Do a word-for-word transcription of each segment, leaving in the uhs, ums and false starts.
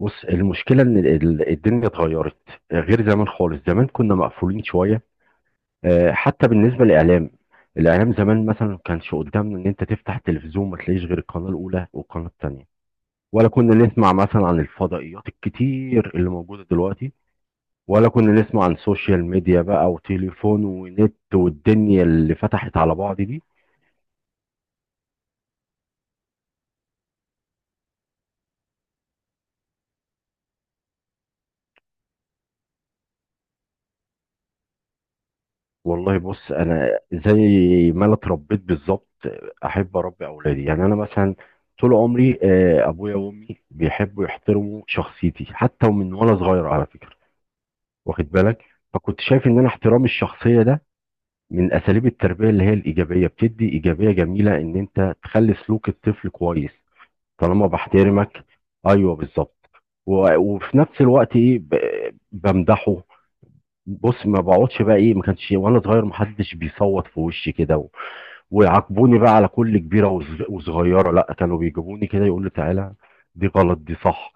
بص، المشكلة إن ال- الدنيا اتغيرت، غير زمان خالص. زمان كنا مقفولين شوية. آه، حتى بالنسبة للإعلام، الإعلام زمان مثلا ما كانش قدامنا إن أنت تفتح التلفزيون ما تلاقيش غير القناة الأولى والقناة التانية، ولا كنا نسمع مثلا عن الفضائيات الكتير اللي موجودة دلوقتي، ولا كنا نسمع عن سوشيال ميديا بقى وتليفون ونت والدنيا اللي فتحت على بعض دي. والله بص، انا زي ما انا اتربيت بالظبط احب اربي اولادي. يعني انا مثلا طول عمري آه، ابويا وامي بيحبوا يحترموا شخصيتي حتى ومن وانا صغير على فكره، واخد بالك؟ فكنت شايف ان انا احترام الشخصيه ده من اساليب التربيه اللي هي الايجابيه، بتدي ايجابيه جميله ان انت تخلي سلوك الطفل كويس طالما بحترمك. ايوه بالظبط. و- وفي نفس الوقت ايه ب- بمدحه. بُص، ما باقعدش بقى إيه، ما كانش وأنا صغير ما حدش بيصوّت في وشّي كده، و ويعاقبوني بقى على كل كبيرة وص وصغيرة، لأ، كانوا بيجيبوني كده يقولوا لي: "تعالَ، دي غلط، دي صح."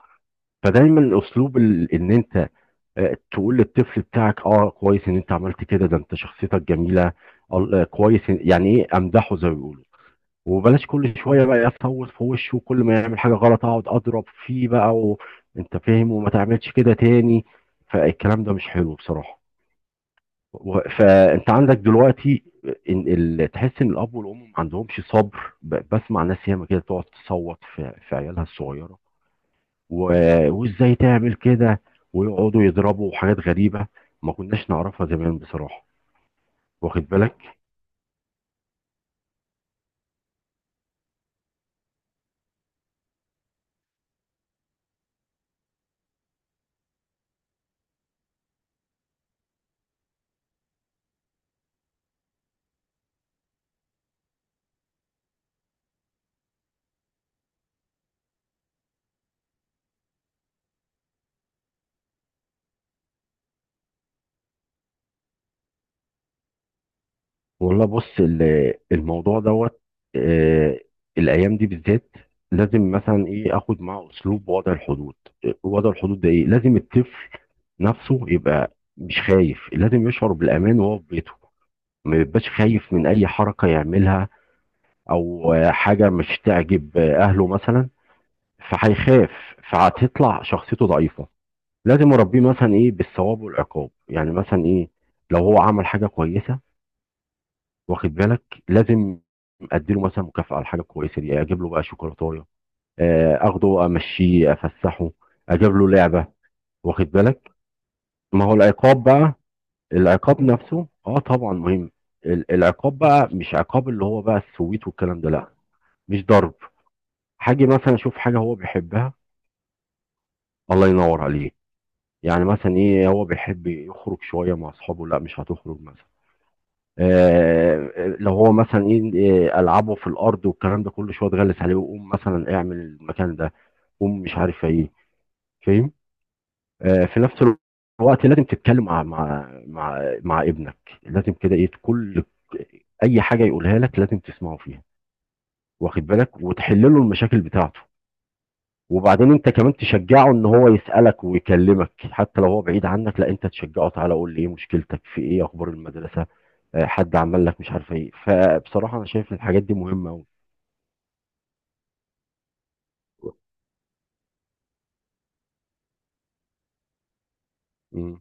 فدايمًا أسلوب ال إن أنت آآ تقول للطفل بتاعك آه، كويس إن أنت عملت كده، ده أنت شخصيتك جميلة، ال آه، كويس إن- يعني إيه، أمدحه زي ما بيقولوا، وبلاش كل شوية بقى أصوّت في وشه، وكل ما يعمل حاجة غلط أقعد أضرب فيه بقى، و أنت فاهم، وما تعملش كده تاني. فالكلام ده مش حلو بصراحة. و- فانت عندك دلوقتي ان ال... تحس ان الاب والام ما عندهمش صبر ب... بسمع ناس ياما كده تقعد تصوت في, في عيالها الصغيره، و... وازاي تعمل كده، ويقعدوا يضربوا حاجات غريبه ما كناش نعرفها زمان بصراحه، واخد بالك؟ والله بص، ال- الموضوع دوت، آه، الايام دي بالذات لازم مثلا ايه اخد معاه اسلوب وضع الحدود. آه، وضع الحدود ده ايه؟ لازم الطفل نفسه يبقى مش خايف، لازم يشعر بالامان وهو في بيته، ما بيبقاش خايف من اي حركه يعملها او آه، حاجه مش تعجب آه، اهله مثلا، فهيخاف، فهتطلع شخصيته ضعيفه. لازم اربيه مثلا ايه بالثواب والعقاب. يعني مثلا ايه، لو هو عمل حاجه كويسه، واخد بالك، لازم اديله مثلا مكافاه على الحاجه الكويسه دي، اجيب له بقى شوكولاته، اخده امشيه افسحه، اجيب له لعبه، واخد بالك. ما هو العقاب بقى، العقاب نفسه اه طبعا مهم. ال- العقاب بقى مش عقاب اللي هو بقى السويت والكلام ده، لا. مش ضرب. حاجة مثلا اشوف حاجة هو بيحبها، الله ينور عليه. يعني مثلا ايه، هو بيحب يخرج شوية مع اصحابه، لا، مش هتخرج مثلا. آه آه، لو هو مثلا ايه آه، العابه في الارض والكلام ده كله، شويه تغلس عليه، وقوم مثلا اعمل المكان ده، قوم مش عارف ايه، فاهم؟ آه في نفس الوقت لازم تتكلم مع مع مع, مع ابنك. لازم كده ايه، كل اي حاجه يقولها لك لازم تسمعه فيها، واخد بالك، وتحل له المشاكل بتاعته. وبعدين انت كمان تشجعه ان هو يسألك ويكلمك حتى لو هو بعيد عنك، لا، انت تشجعه: تعالى قول لي ايه مشكلتك؟ في ايه؟ اخبار المدرسة؟ آه، حد عمل لك مش عارف ايه؟ فبصراحة انا شايف الحاجات دي مهمة قوي. مم.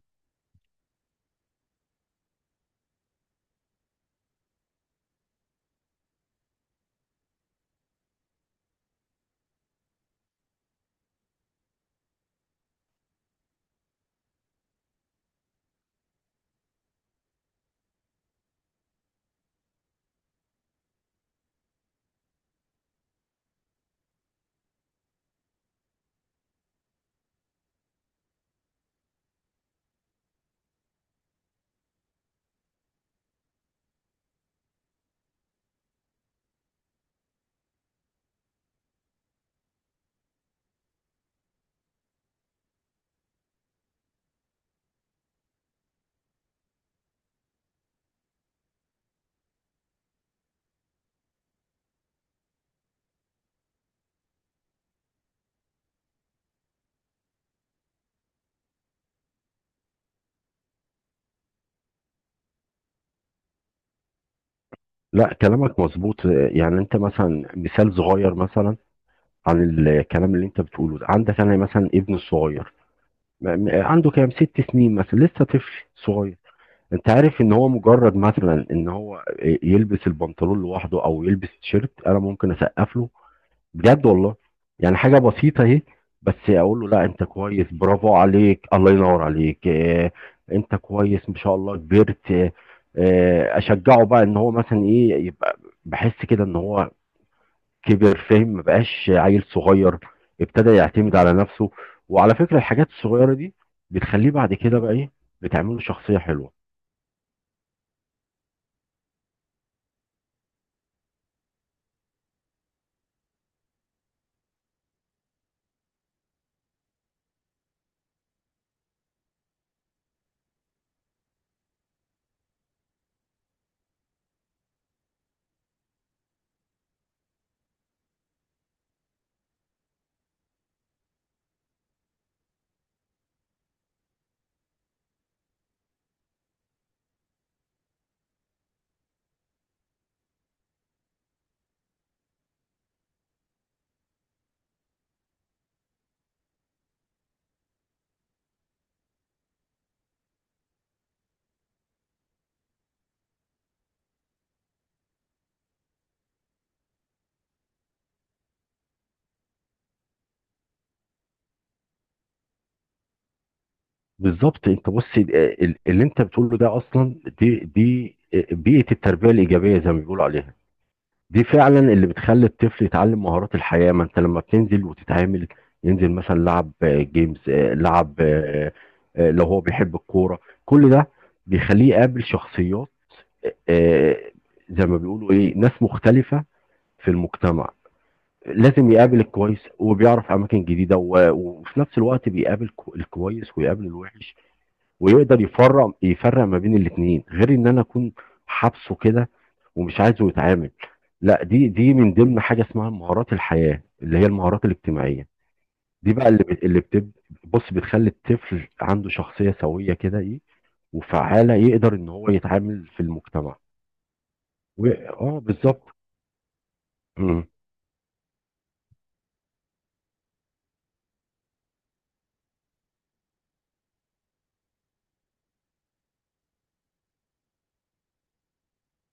لا كلامك مظبوط. يعني انت مثلا مثال صغير مثلا عن الكلام اللي انت بتقوله ده. عندك انا مثلا ابن الصغير، م- م- عنده كام ست سنين مثلا، لسه طفل صغير. انت عارف ان هو مجرد مثلا ان هو يلبس البنطلون لوحده او يلبس تيشيرت، انا ممكن اسقف له بجد والله. يعني حاجة بسيطة اهي، بس اقول له لا انت كويس، برافو عليك، الله ينور عليك، اه، انت كويس، ما شاء الله، كبرت. اه، آه، اشجعه بقى ان هو مثلا ايه، يبقى بحس كده ان هو كبر، فاهم، ما بقاش عيل صغير، ابتدى يعتمد على نفسه. وعلى فكرة الحاجات الصغيرة دي بتخليه بعد كده بقى ايه، بتعمله شخصية حلوة. بالظبط، انت بص، ال- ال- اللي انت بتقوله ده اصلا، دي دي آه، بيئة التربية الإيجابية زي ما بيقولوا عليها. دي فعلا اللي بتخلي الطفل يتعلم مهارات الحياة. ما انت لما بتنزل وتتعامل، ينزل مثلا لعب آه، جيمز، آه، لعب آه، آه، لو هو بيحب الكورة، كل ده بيخليه يقابل شخصيات، آه، آه، زي ما بيقولوا ايه ناس مختلفة في المجتمع. لازم يقابل الكويس وبيعرف اماكن جديدة، و- وفي نفس الوقت بيقابل كو- الكويس ويقابل الوحش، ويقدر يفرق يفرق ما بين الاثنين، غير ان انا اكون حابسه كده ومش عايزه يتعامل. لا، دي دي من ضمن حاجه اسمها مهارات الحياه، اللي هي المهارات الاجتماعيه. دي بقى اللي بت- اللي بتب بص، بتخلي الطفل عنده شخصيه سويه كده ايه، وفعاله، يقدر ان هو يتعامل في المجتمع. و... اه بالظبط. مم.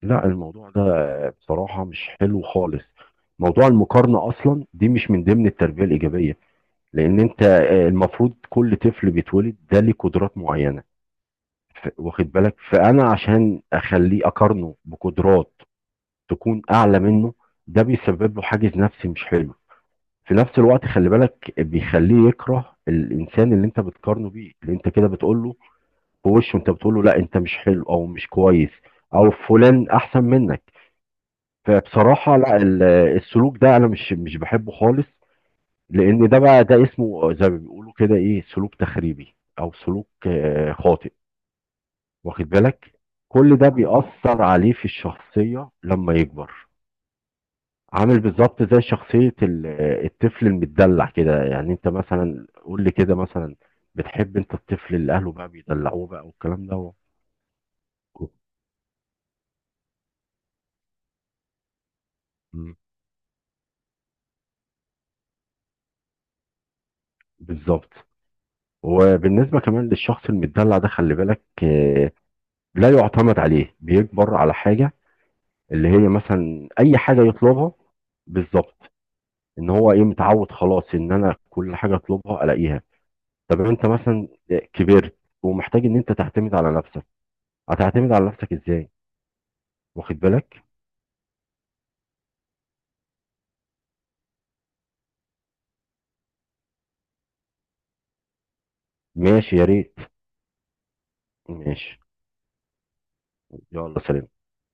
لا الموضوع ده بصراحه مش حلو خالص. موضوع المقارنه اصلا دي مش من ضمن التربيه الايجابيه، لان انت آه، المفروض كل طفل بيتولد ده ليه قدرات معينه. ف- واخد بالك، فانا عشان اخليه اقارنه بقدرات تكون اعلى منه، ده بيسبب له حاجز نفسي مش حلو. في نفس الوقت خلي بالك، بيخليه يكره الانسان اللي انت بتقارنه بيه، اللي انت كده بتقول له في وشه، انت بتقول له لا انت مش حلو او مش كويس او فلان احسن منك. فبصراحه لا، ال- السلوك ده انا مش مش بحبه خالص. لان ده بقى ده اسمه زي ما بيقولوا كده ايه، سلوك تخريبي او سلوك آه، خاطئ، واخد بالك. كل ده بيأثر عليه في الشخصية لما يكبر. عامل بالظبط زي شخصية ال- آه، الطفل المتدلع كده. يعني انت مثلا قول لي كده مثلا، بتحب انت الطفل اللي اهله بقى بيدلعوه بقى والكلام ده؟ مم. بالظبط. وبالنسبة كمان للشخص المتدلع ده خلي بالك، آه، لا يعتمد عليه، بيكبر على حاجة اللي هي مثلا اي حاجه يطلبها. بالظبط، ان هو ايه متعود خلاص ان انا كل حاجه اطلبها الاقيها. طب انت مثلا كبرت ومحتاج ان انت تعتمد على نفسك، هتعتمد على نفسك ازاي؟ واخد بالك. ماشي يا ريت. ماشي. يلا سلام